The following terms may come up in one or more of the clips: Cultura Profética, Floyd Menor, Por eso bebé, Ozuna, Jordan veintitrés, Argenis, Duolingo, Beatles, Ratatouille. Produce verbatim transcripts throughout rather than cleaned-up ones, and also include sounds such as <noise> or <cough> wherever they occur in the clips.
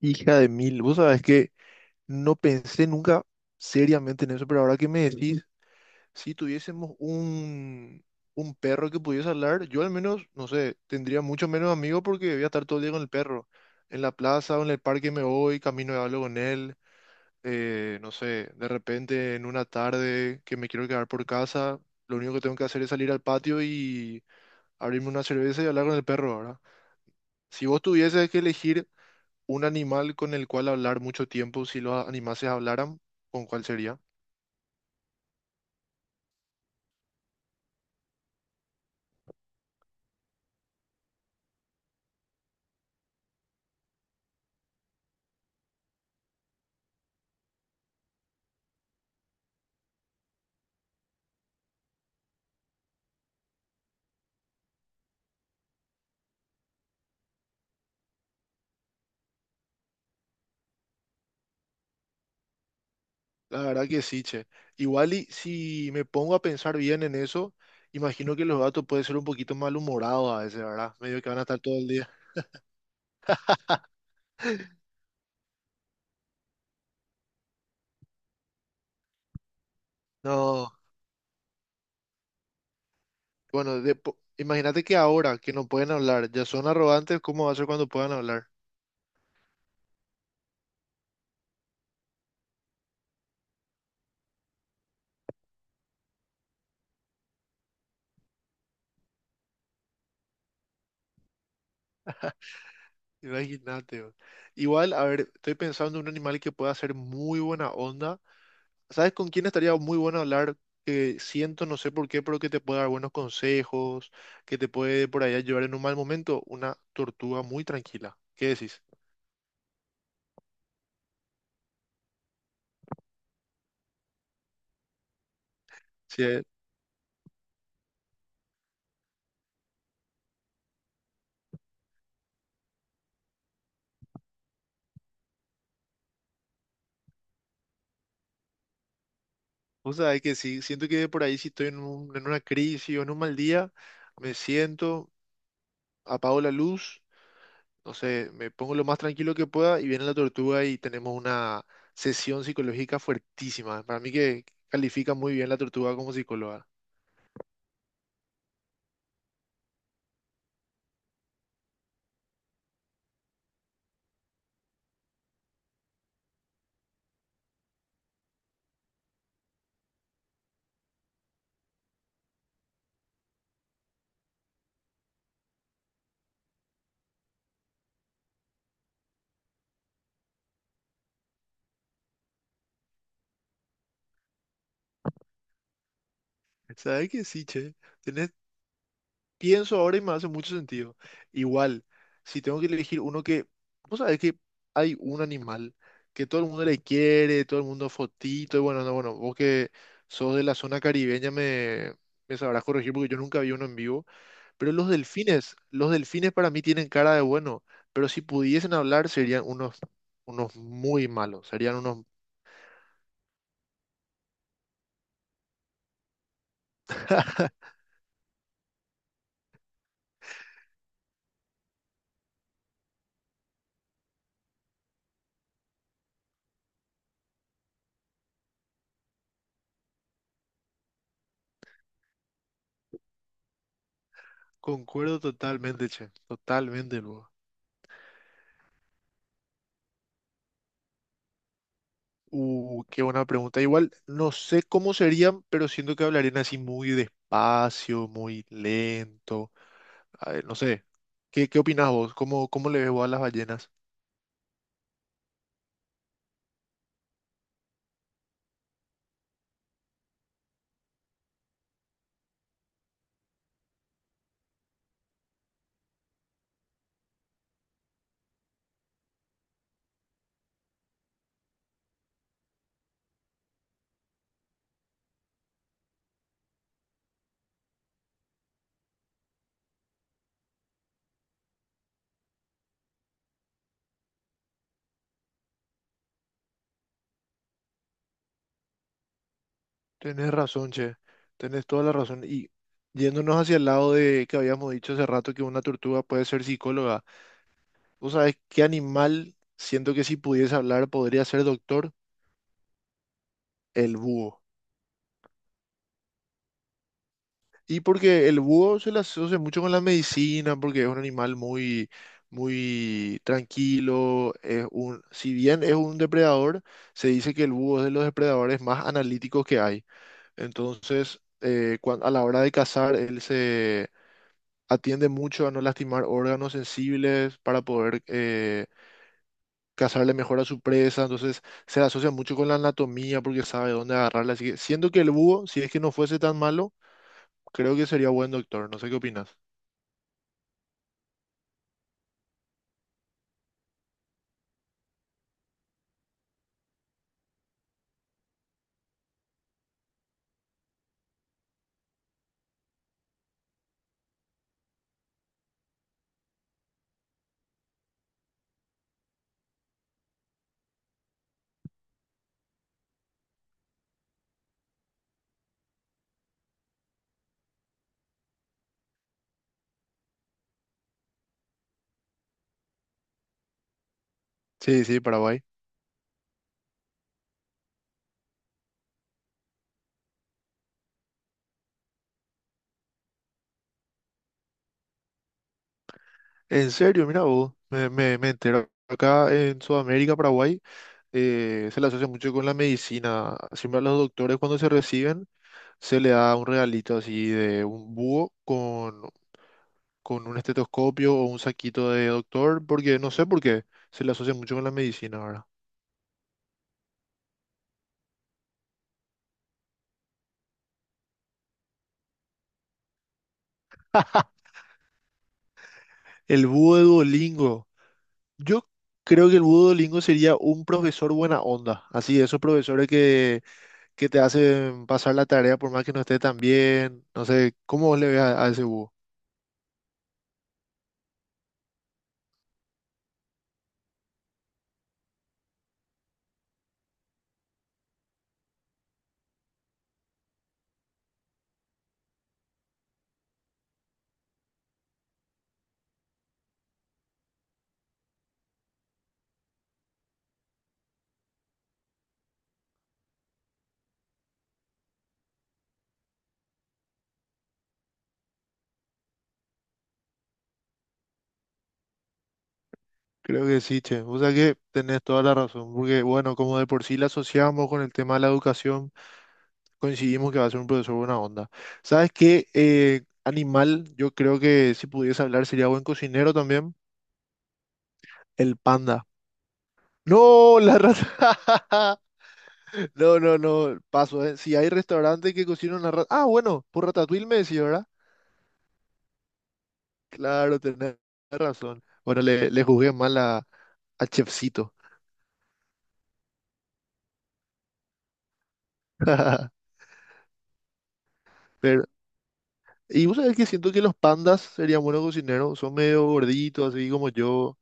Hija de mil, vos sabés que no pensé nunca seriamente en eso, pero ahora que me decís, si tuviésemos un, un perro que pudiese hablar, yo al menos, no sé, tendría mucho menos amigos porque voy a estar todo el día con el perro. En la plaza o en el parque me voy, camino y hablo con él, eh, no sé, de repente en una tarde que me quiero quedar por casa, lo único que tengo que hacer es salir al patio y abrirme una cerveza y hablar con el perro, ¿verdad? Si vos tuvieses que elegir un animal con el cual hablar mucho tiempo, si los animales hablaran, ¿con cuál sería? La verdad que sí, che. Igual y si me pongo a pensar bien en eso, imagino que los gatos pueden ser un poquito malhumorados a veces, ¿verdad? Medio que van a estar todo el día. <laughs> No, bueno, de po- imagínate que ahora que no pueden hablar, ya son arrogantes, ¿cómo va a ser cuando puedan hablar? Imagínate, bro. Igual, a ver, estoy pensando en un animal que pueda ser muy buena onda. ¿Sabes con quién estaría muy bueno hablar? Que siento, no sé por qué, pero que te puede dar buenos consejos, que te puede por ahí ayudar en un mal momento. Una tortuga muy tranquila. ¿Qué decís? Sí, eh. O sea, es que sí, siento que por ahí si estoy en un- en una crisis o en un mal día, me siento, apago la luz, no sé, me pongo lo más tranquilo que pueda y viene la tortuga y tenemos una sesión psicológica fuertísima. Para mí que califica muy bien la tortuga como psicóloga. ¿Sabes qué? Sí, che. Tenés, pienso ahora y me hace mucho sentido. Igual, si tengo que elegir uno que, vos sabés que hay un animal que todo el mundo le quiere, todo el mundo fotito, y bueno, no, bueno, vos que sos de la zona caribeña me, me sabrás corregir porque yo nunca vi uno en vivo, pero los delfines, los delfines para mí tienen cara de bueno, pero si pudiesen hablar serían unos, unos muy malos, serían unos... <laughs> Concuerdo totalmente, che, totalmente, luego. Uh, qué buena pregunta. Igual no sé cómo serían, pero siento que hablarían así muy despacio, muy lento. A ver, no sé. ¿Qué, qué opinás vos? ¿Cómo, cómo le ves vos a las ballenas? Tenés razón, che. Tenés toda la razón. Y yéndonos hacia el lado de que habíamos dicho hace rato que una tortuga puede ser psicóloga. ¿Vos sabés qué animal siento que si pudiese hablar podría ser doctor? El búho. Y porque el búho se le asocia mucho con la medicina, porque es un animal muy, muy tranquilo. Es un, si bien es un depredador, se dice que el búho es de los depredadores más analíticos que hay. Entonces, eh, cuan- a la hora de cazar, él se atiende mucho a no lastimar órganos sensibles para poder eh, cazarle mejor a su presa. Entonces, se le asocia mucho con la anatomía porque sabe dónde agarrarla. Así que, siendo que el búho, si es que no fuese tan malo, creo que sería buen doctor. No sé qué opinas. Sí, sí, Paraguay. En serio, mira vos, me, me, me entero. Acá en Sudamérica, Paraguay, eh, se le asocia mucho con la medicina. Siempre a los doctores cuando se reciben se le da un regalito así de un búho con, con un estetoscopio o un saquito de doctor, porque no sé por qué se le asocia mucho con la medicina ahora. El búho de Duolingo. Yo creo que el búho de Duolingo sería un profesor buena onda. Así, esos profesores que te hacen pasar la tarea por más que no esté tan bien. No sé, ¿cómo vos le ves a, a ese búho? Creo que sí, che. O sea que tenés toda la razón, porque bueno, como de por sí la asociamos con el tema de la educación, coincidimos que va a ser un profesor buena onda. ¿Sabes qué? Eh, animal, yo creo que si pudiese hablar sería buen cocinero también. El panda. No, la rata. <laughs> No, no, no, paso, eh. Si hay restaurantes que cocinan la rata. Ah, bueno, por Ratatouille me decía, ¿verdad? Claro, tenés razón. Bueno, le, le juzgué mal a, a Chefcito. <laughs> Pero, y vos sabés que siento que los pandas serían buenos cocineros, son medio gorditos, así como yo.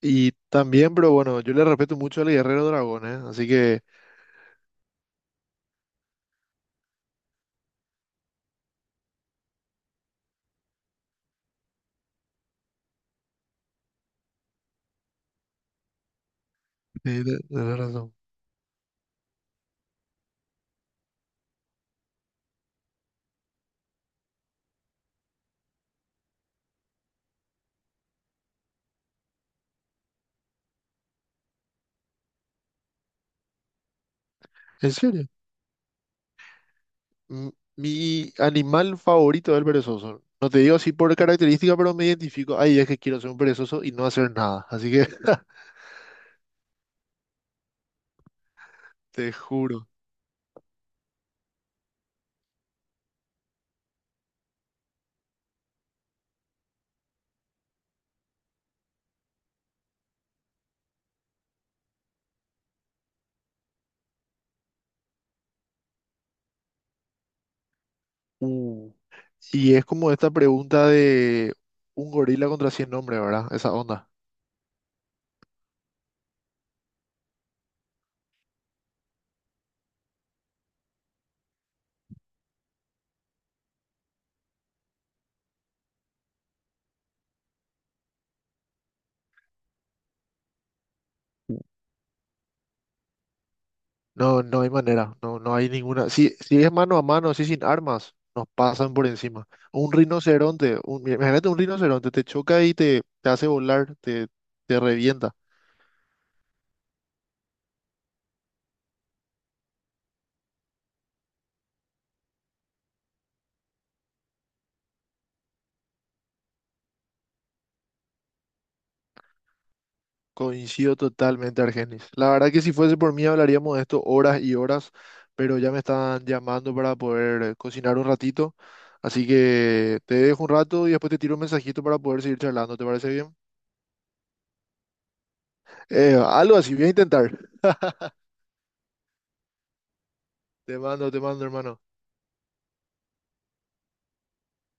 Y también, pero bueno, yo le respeto mucho al guerrero dragón, ¿eh? Así que, eh, te- tenés razón. ¿En serio? Mm, mi animal favorito es el perezoso. No te digo así por característica, pero me identifico. Ay, es que quiero ser un perezoso y no hacer nada. Así que, <laughs> te juro. Uh, y es como esta pregunta de un gorila contra cien hombres, ¿verdad? Esa onda. No, no hay manera, no, no hay ninguna. Si, si es mano a mano, así sin armas, nos pasan por encima. Un rinoceronte, un- imagínate un rinoceronte, te choca y te, te hace volar, te, te revienta. Coincido totalmente, Argenis. La verdad que si fuese por mí hablaríamos de esto horas y horas, pero ya me están llamando para poder eh, cocinar un ratito. Así que te dejo un rato y después te tiro un mensajito para poder seguir charlando. ¿Te parece bien? Eh, algo así, voy a intentar. Te mando, te mando, hermano.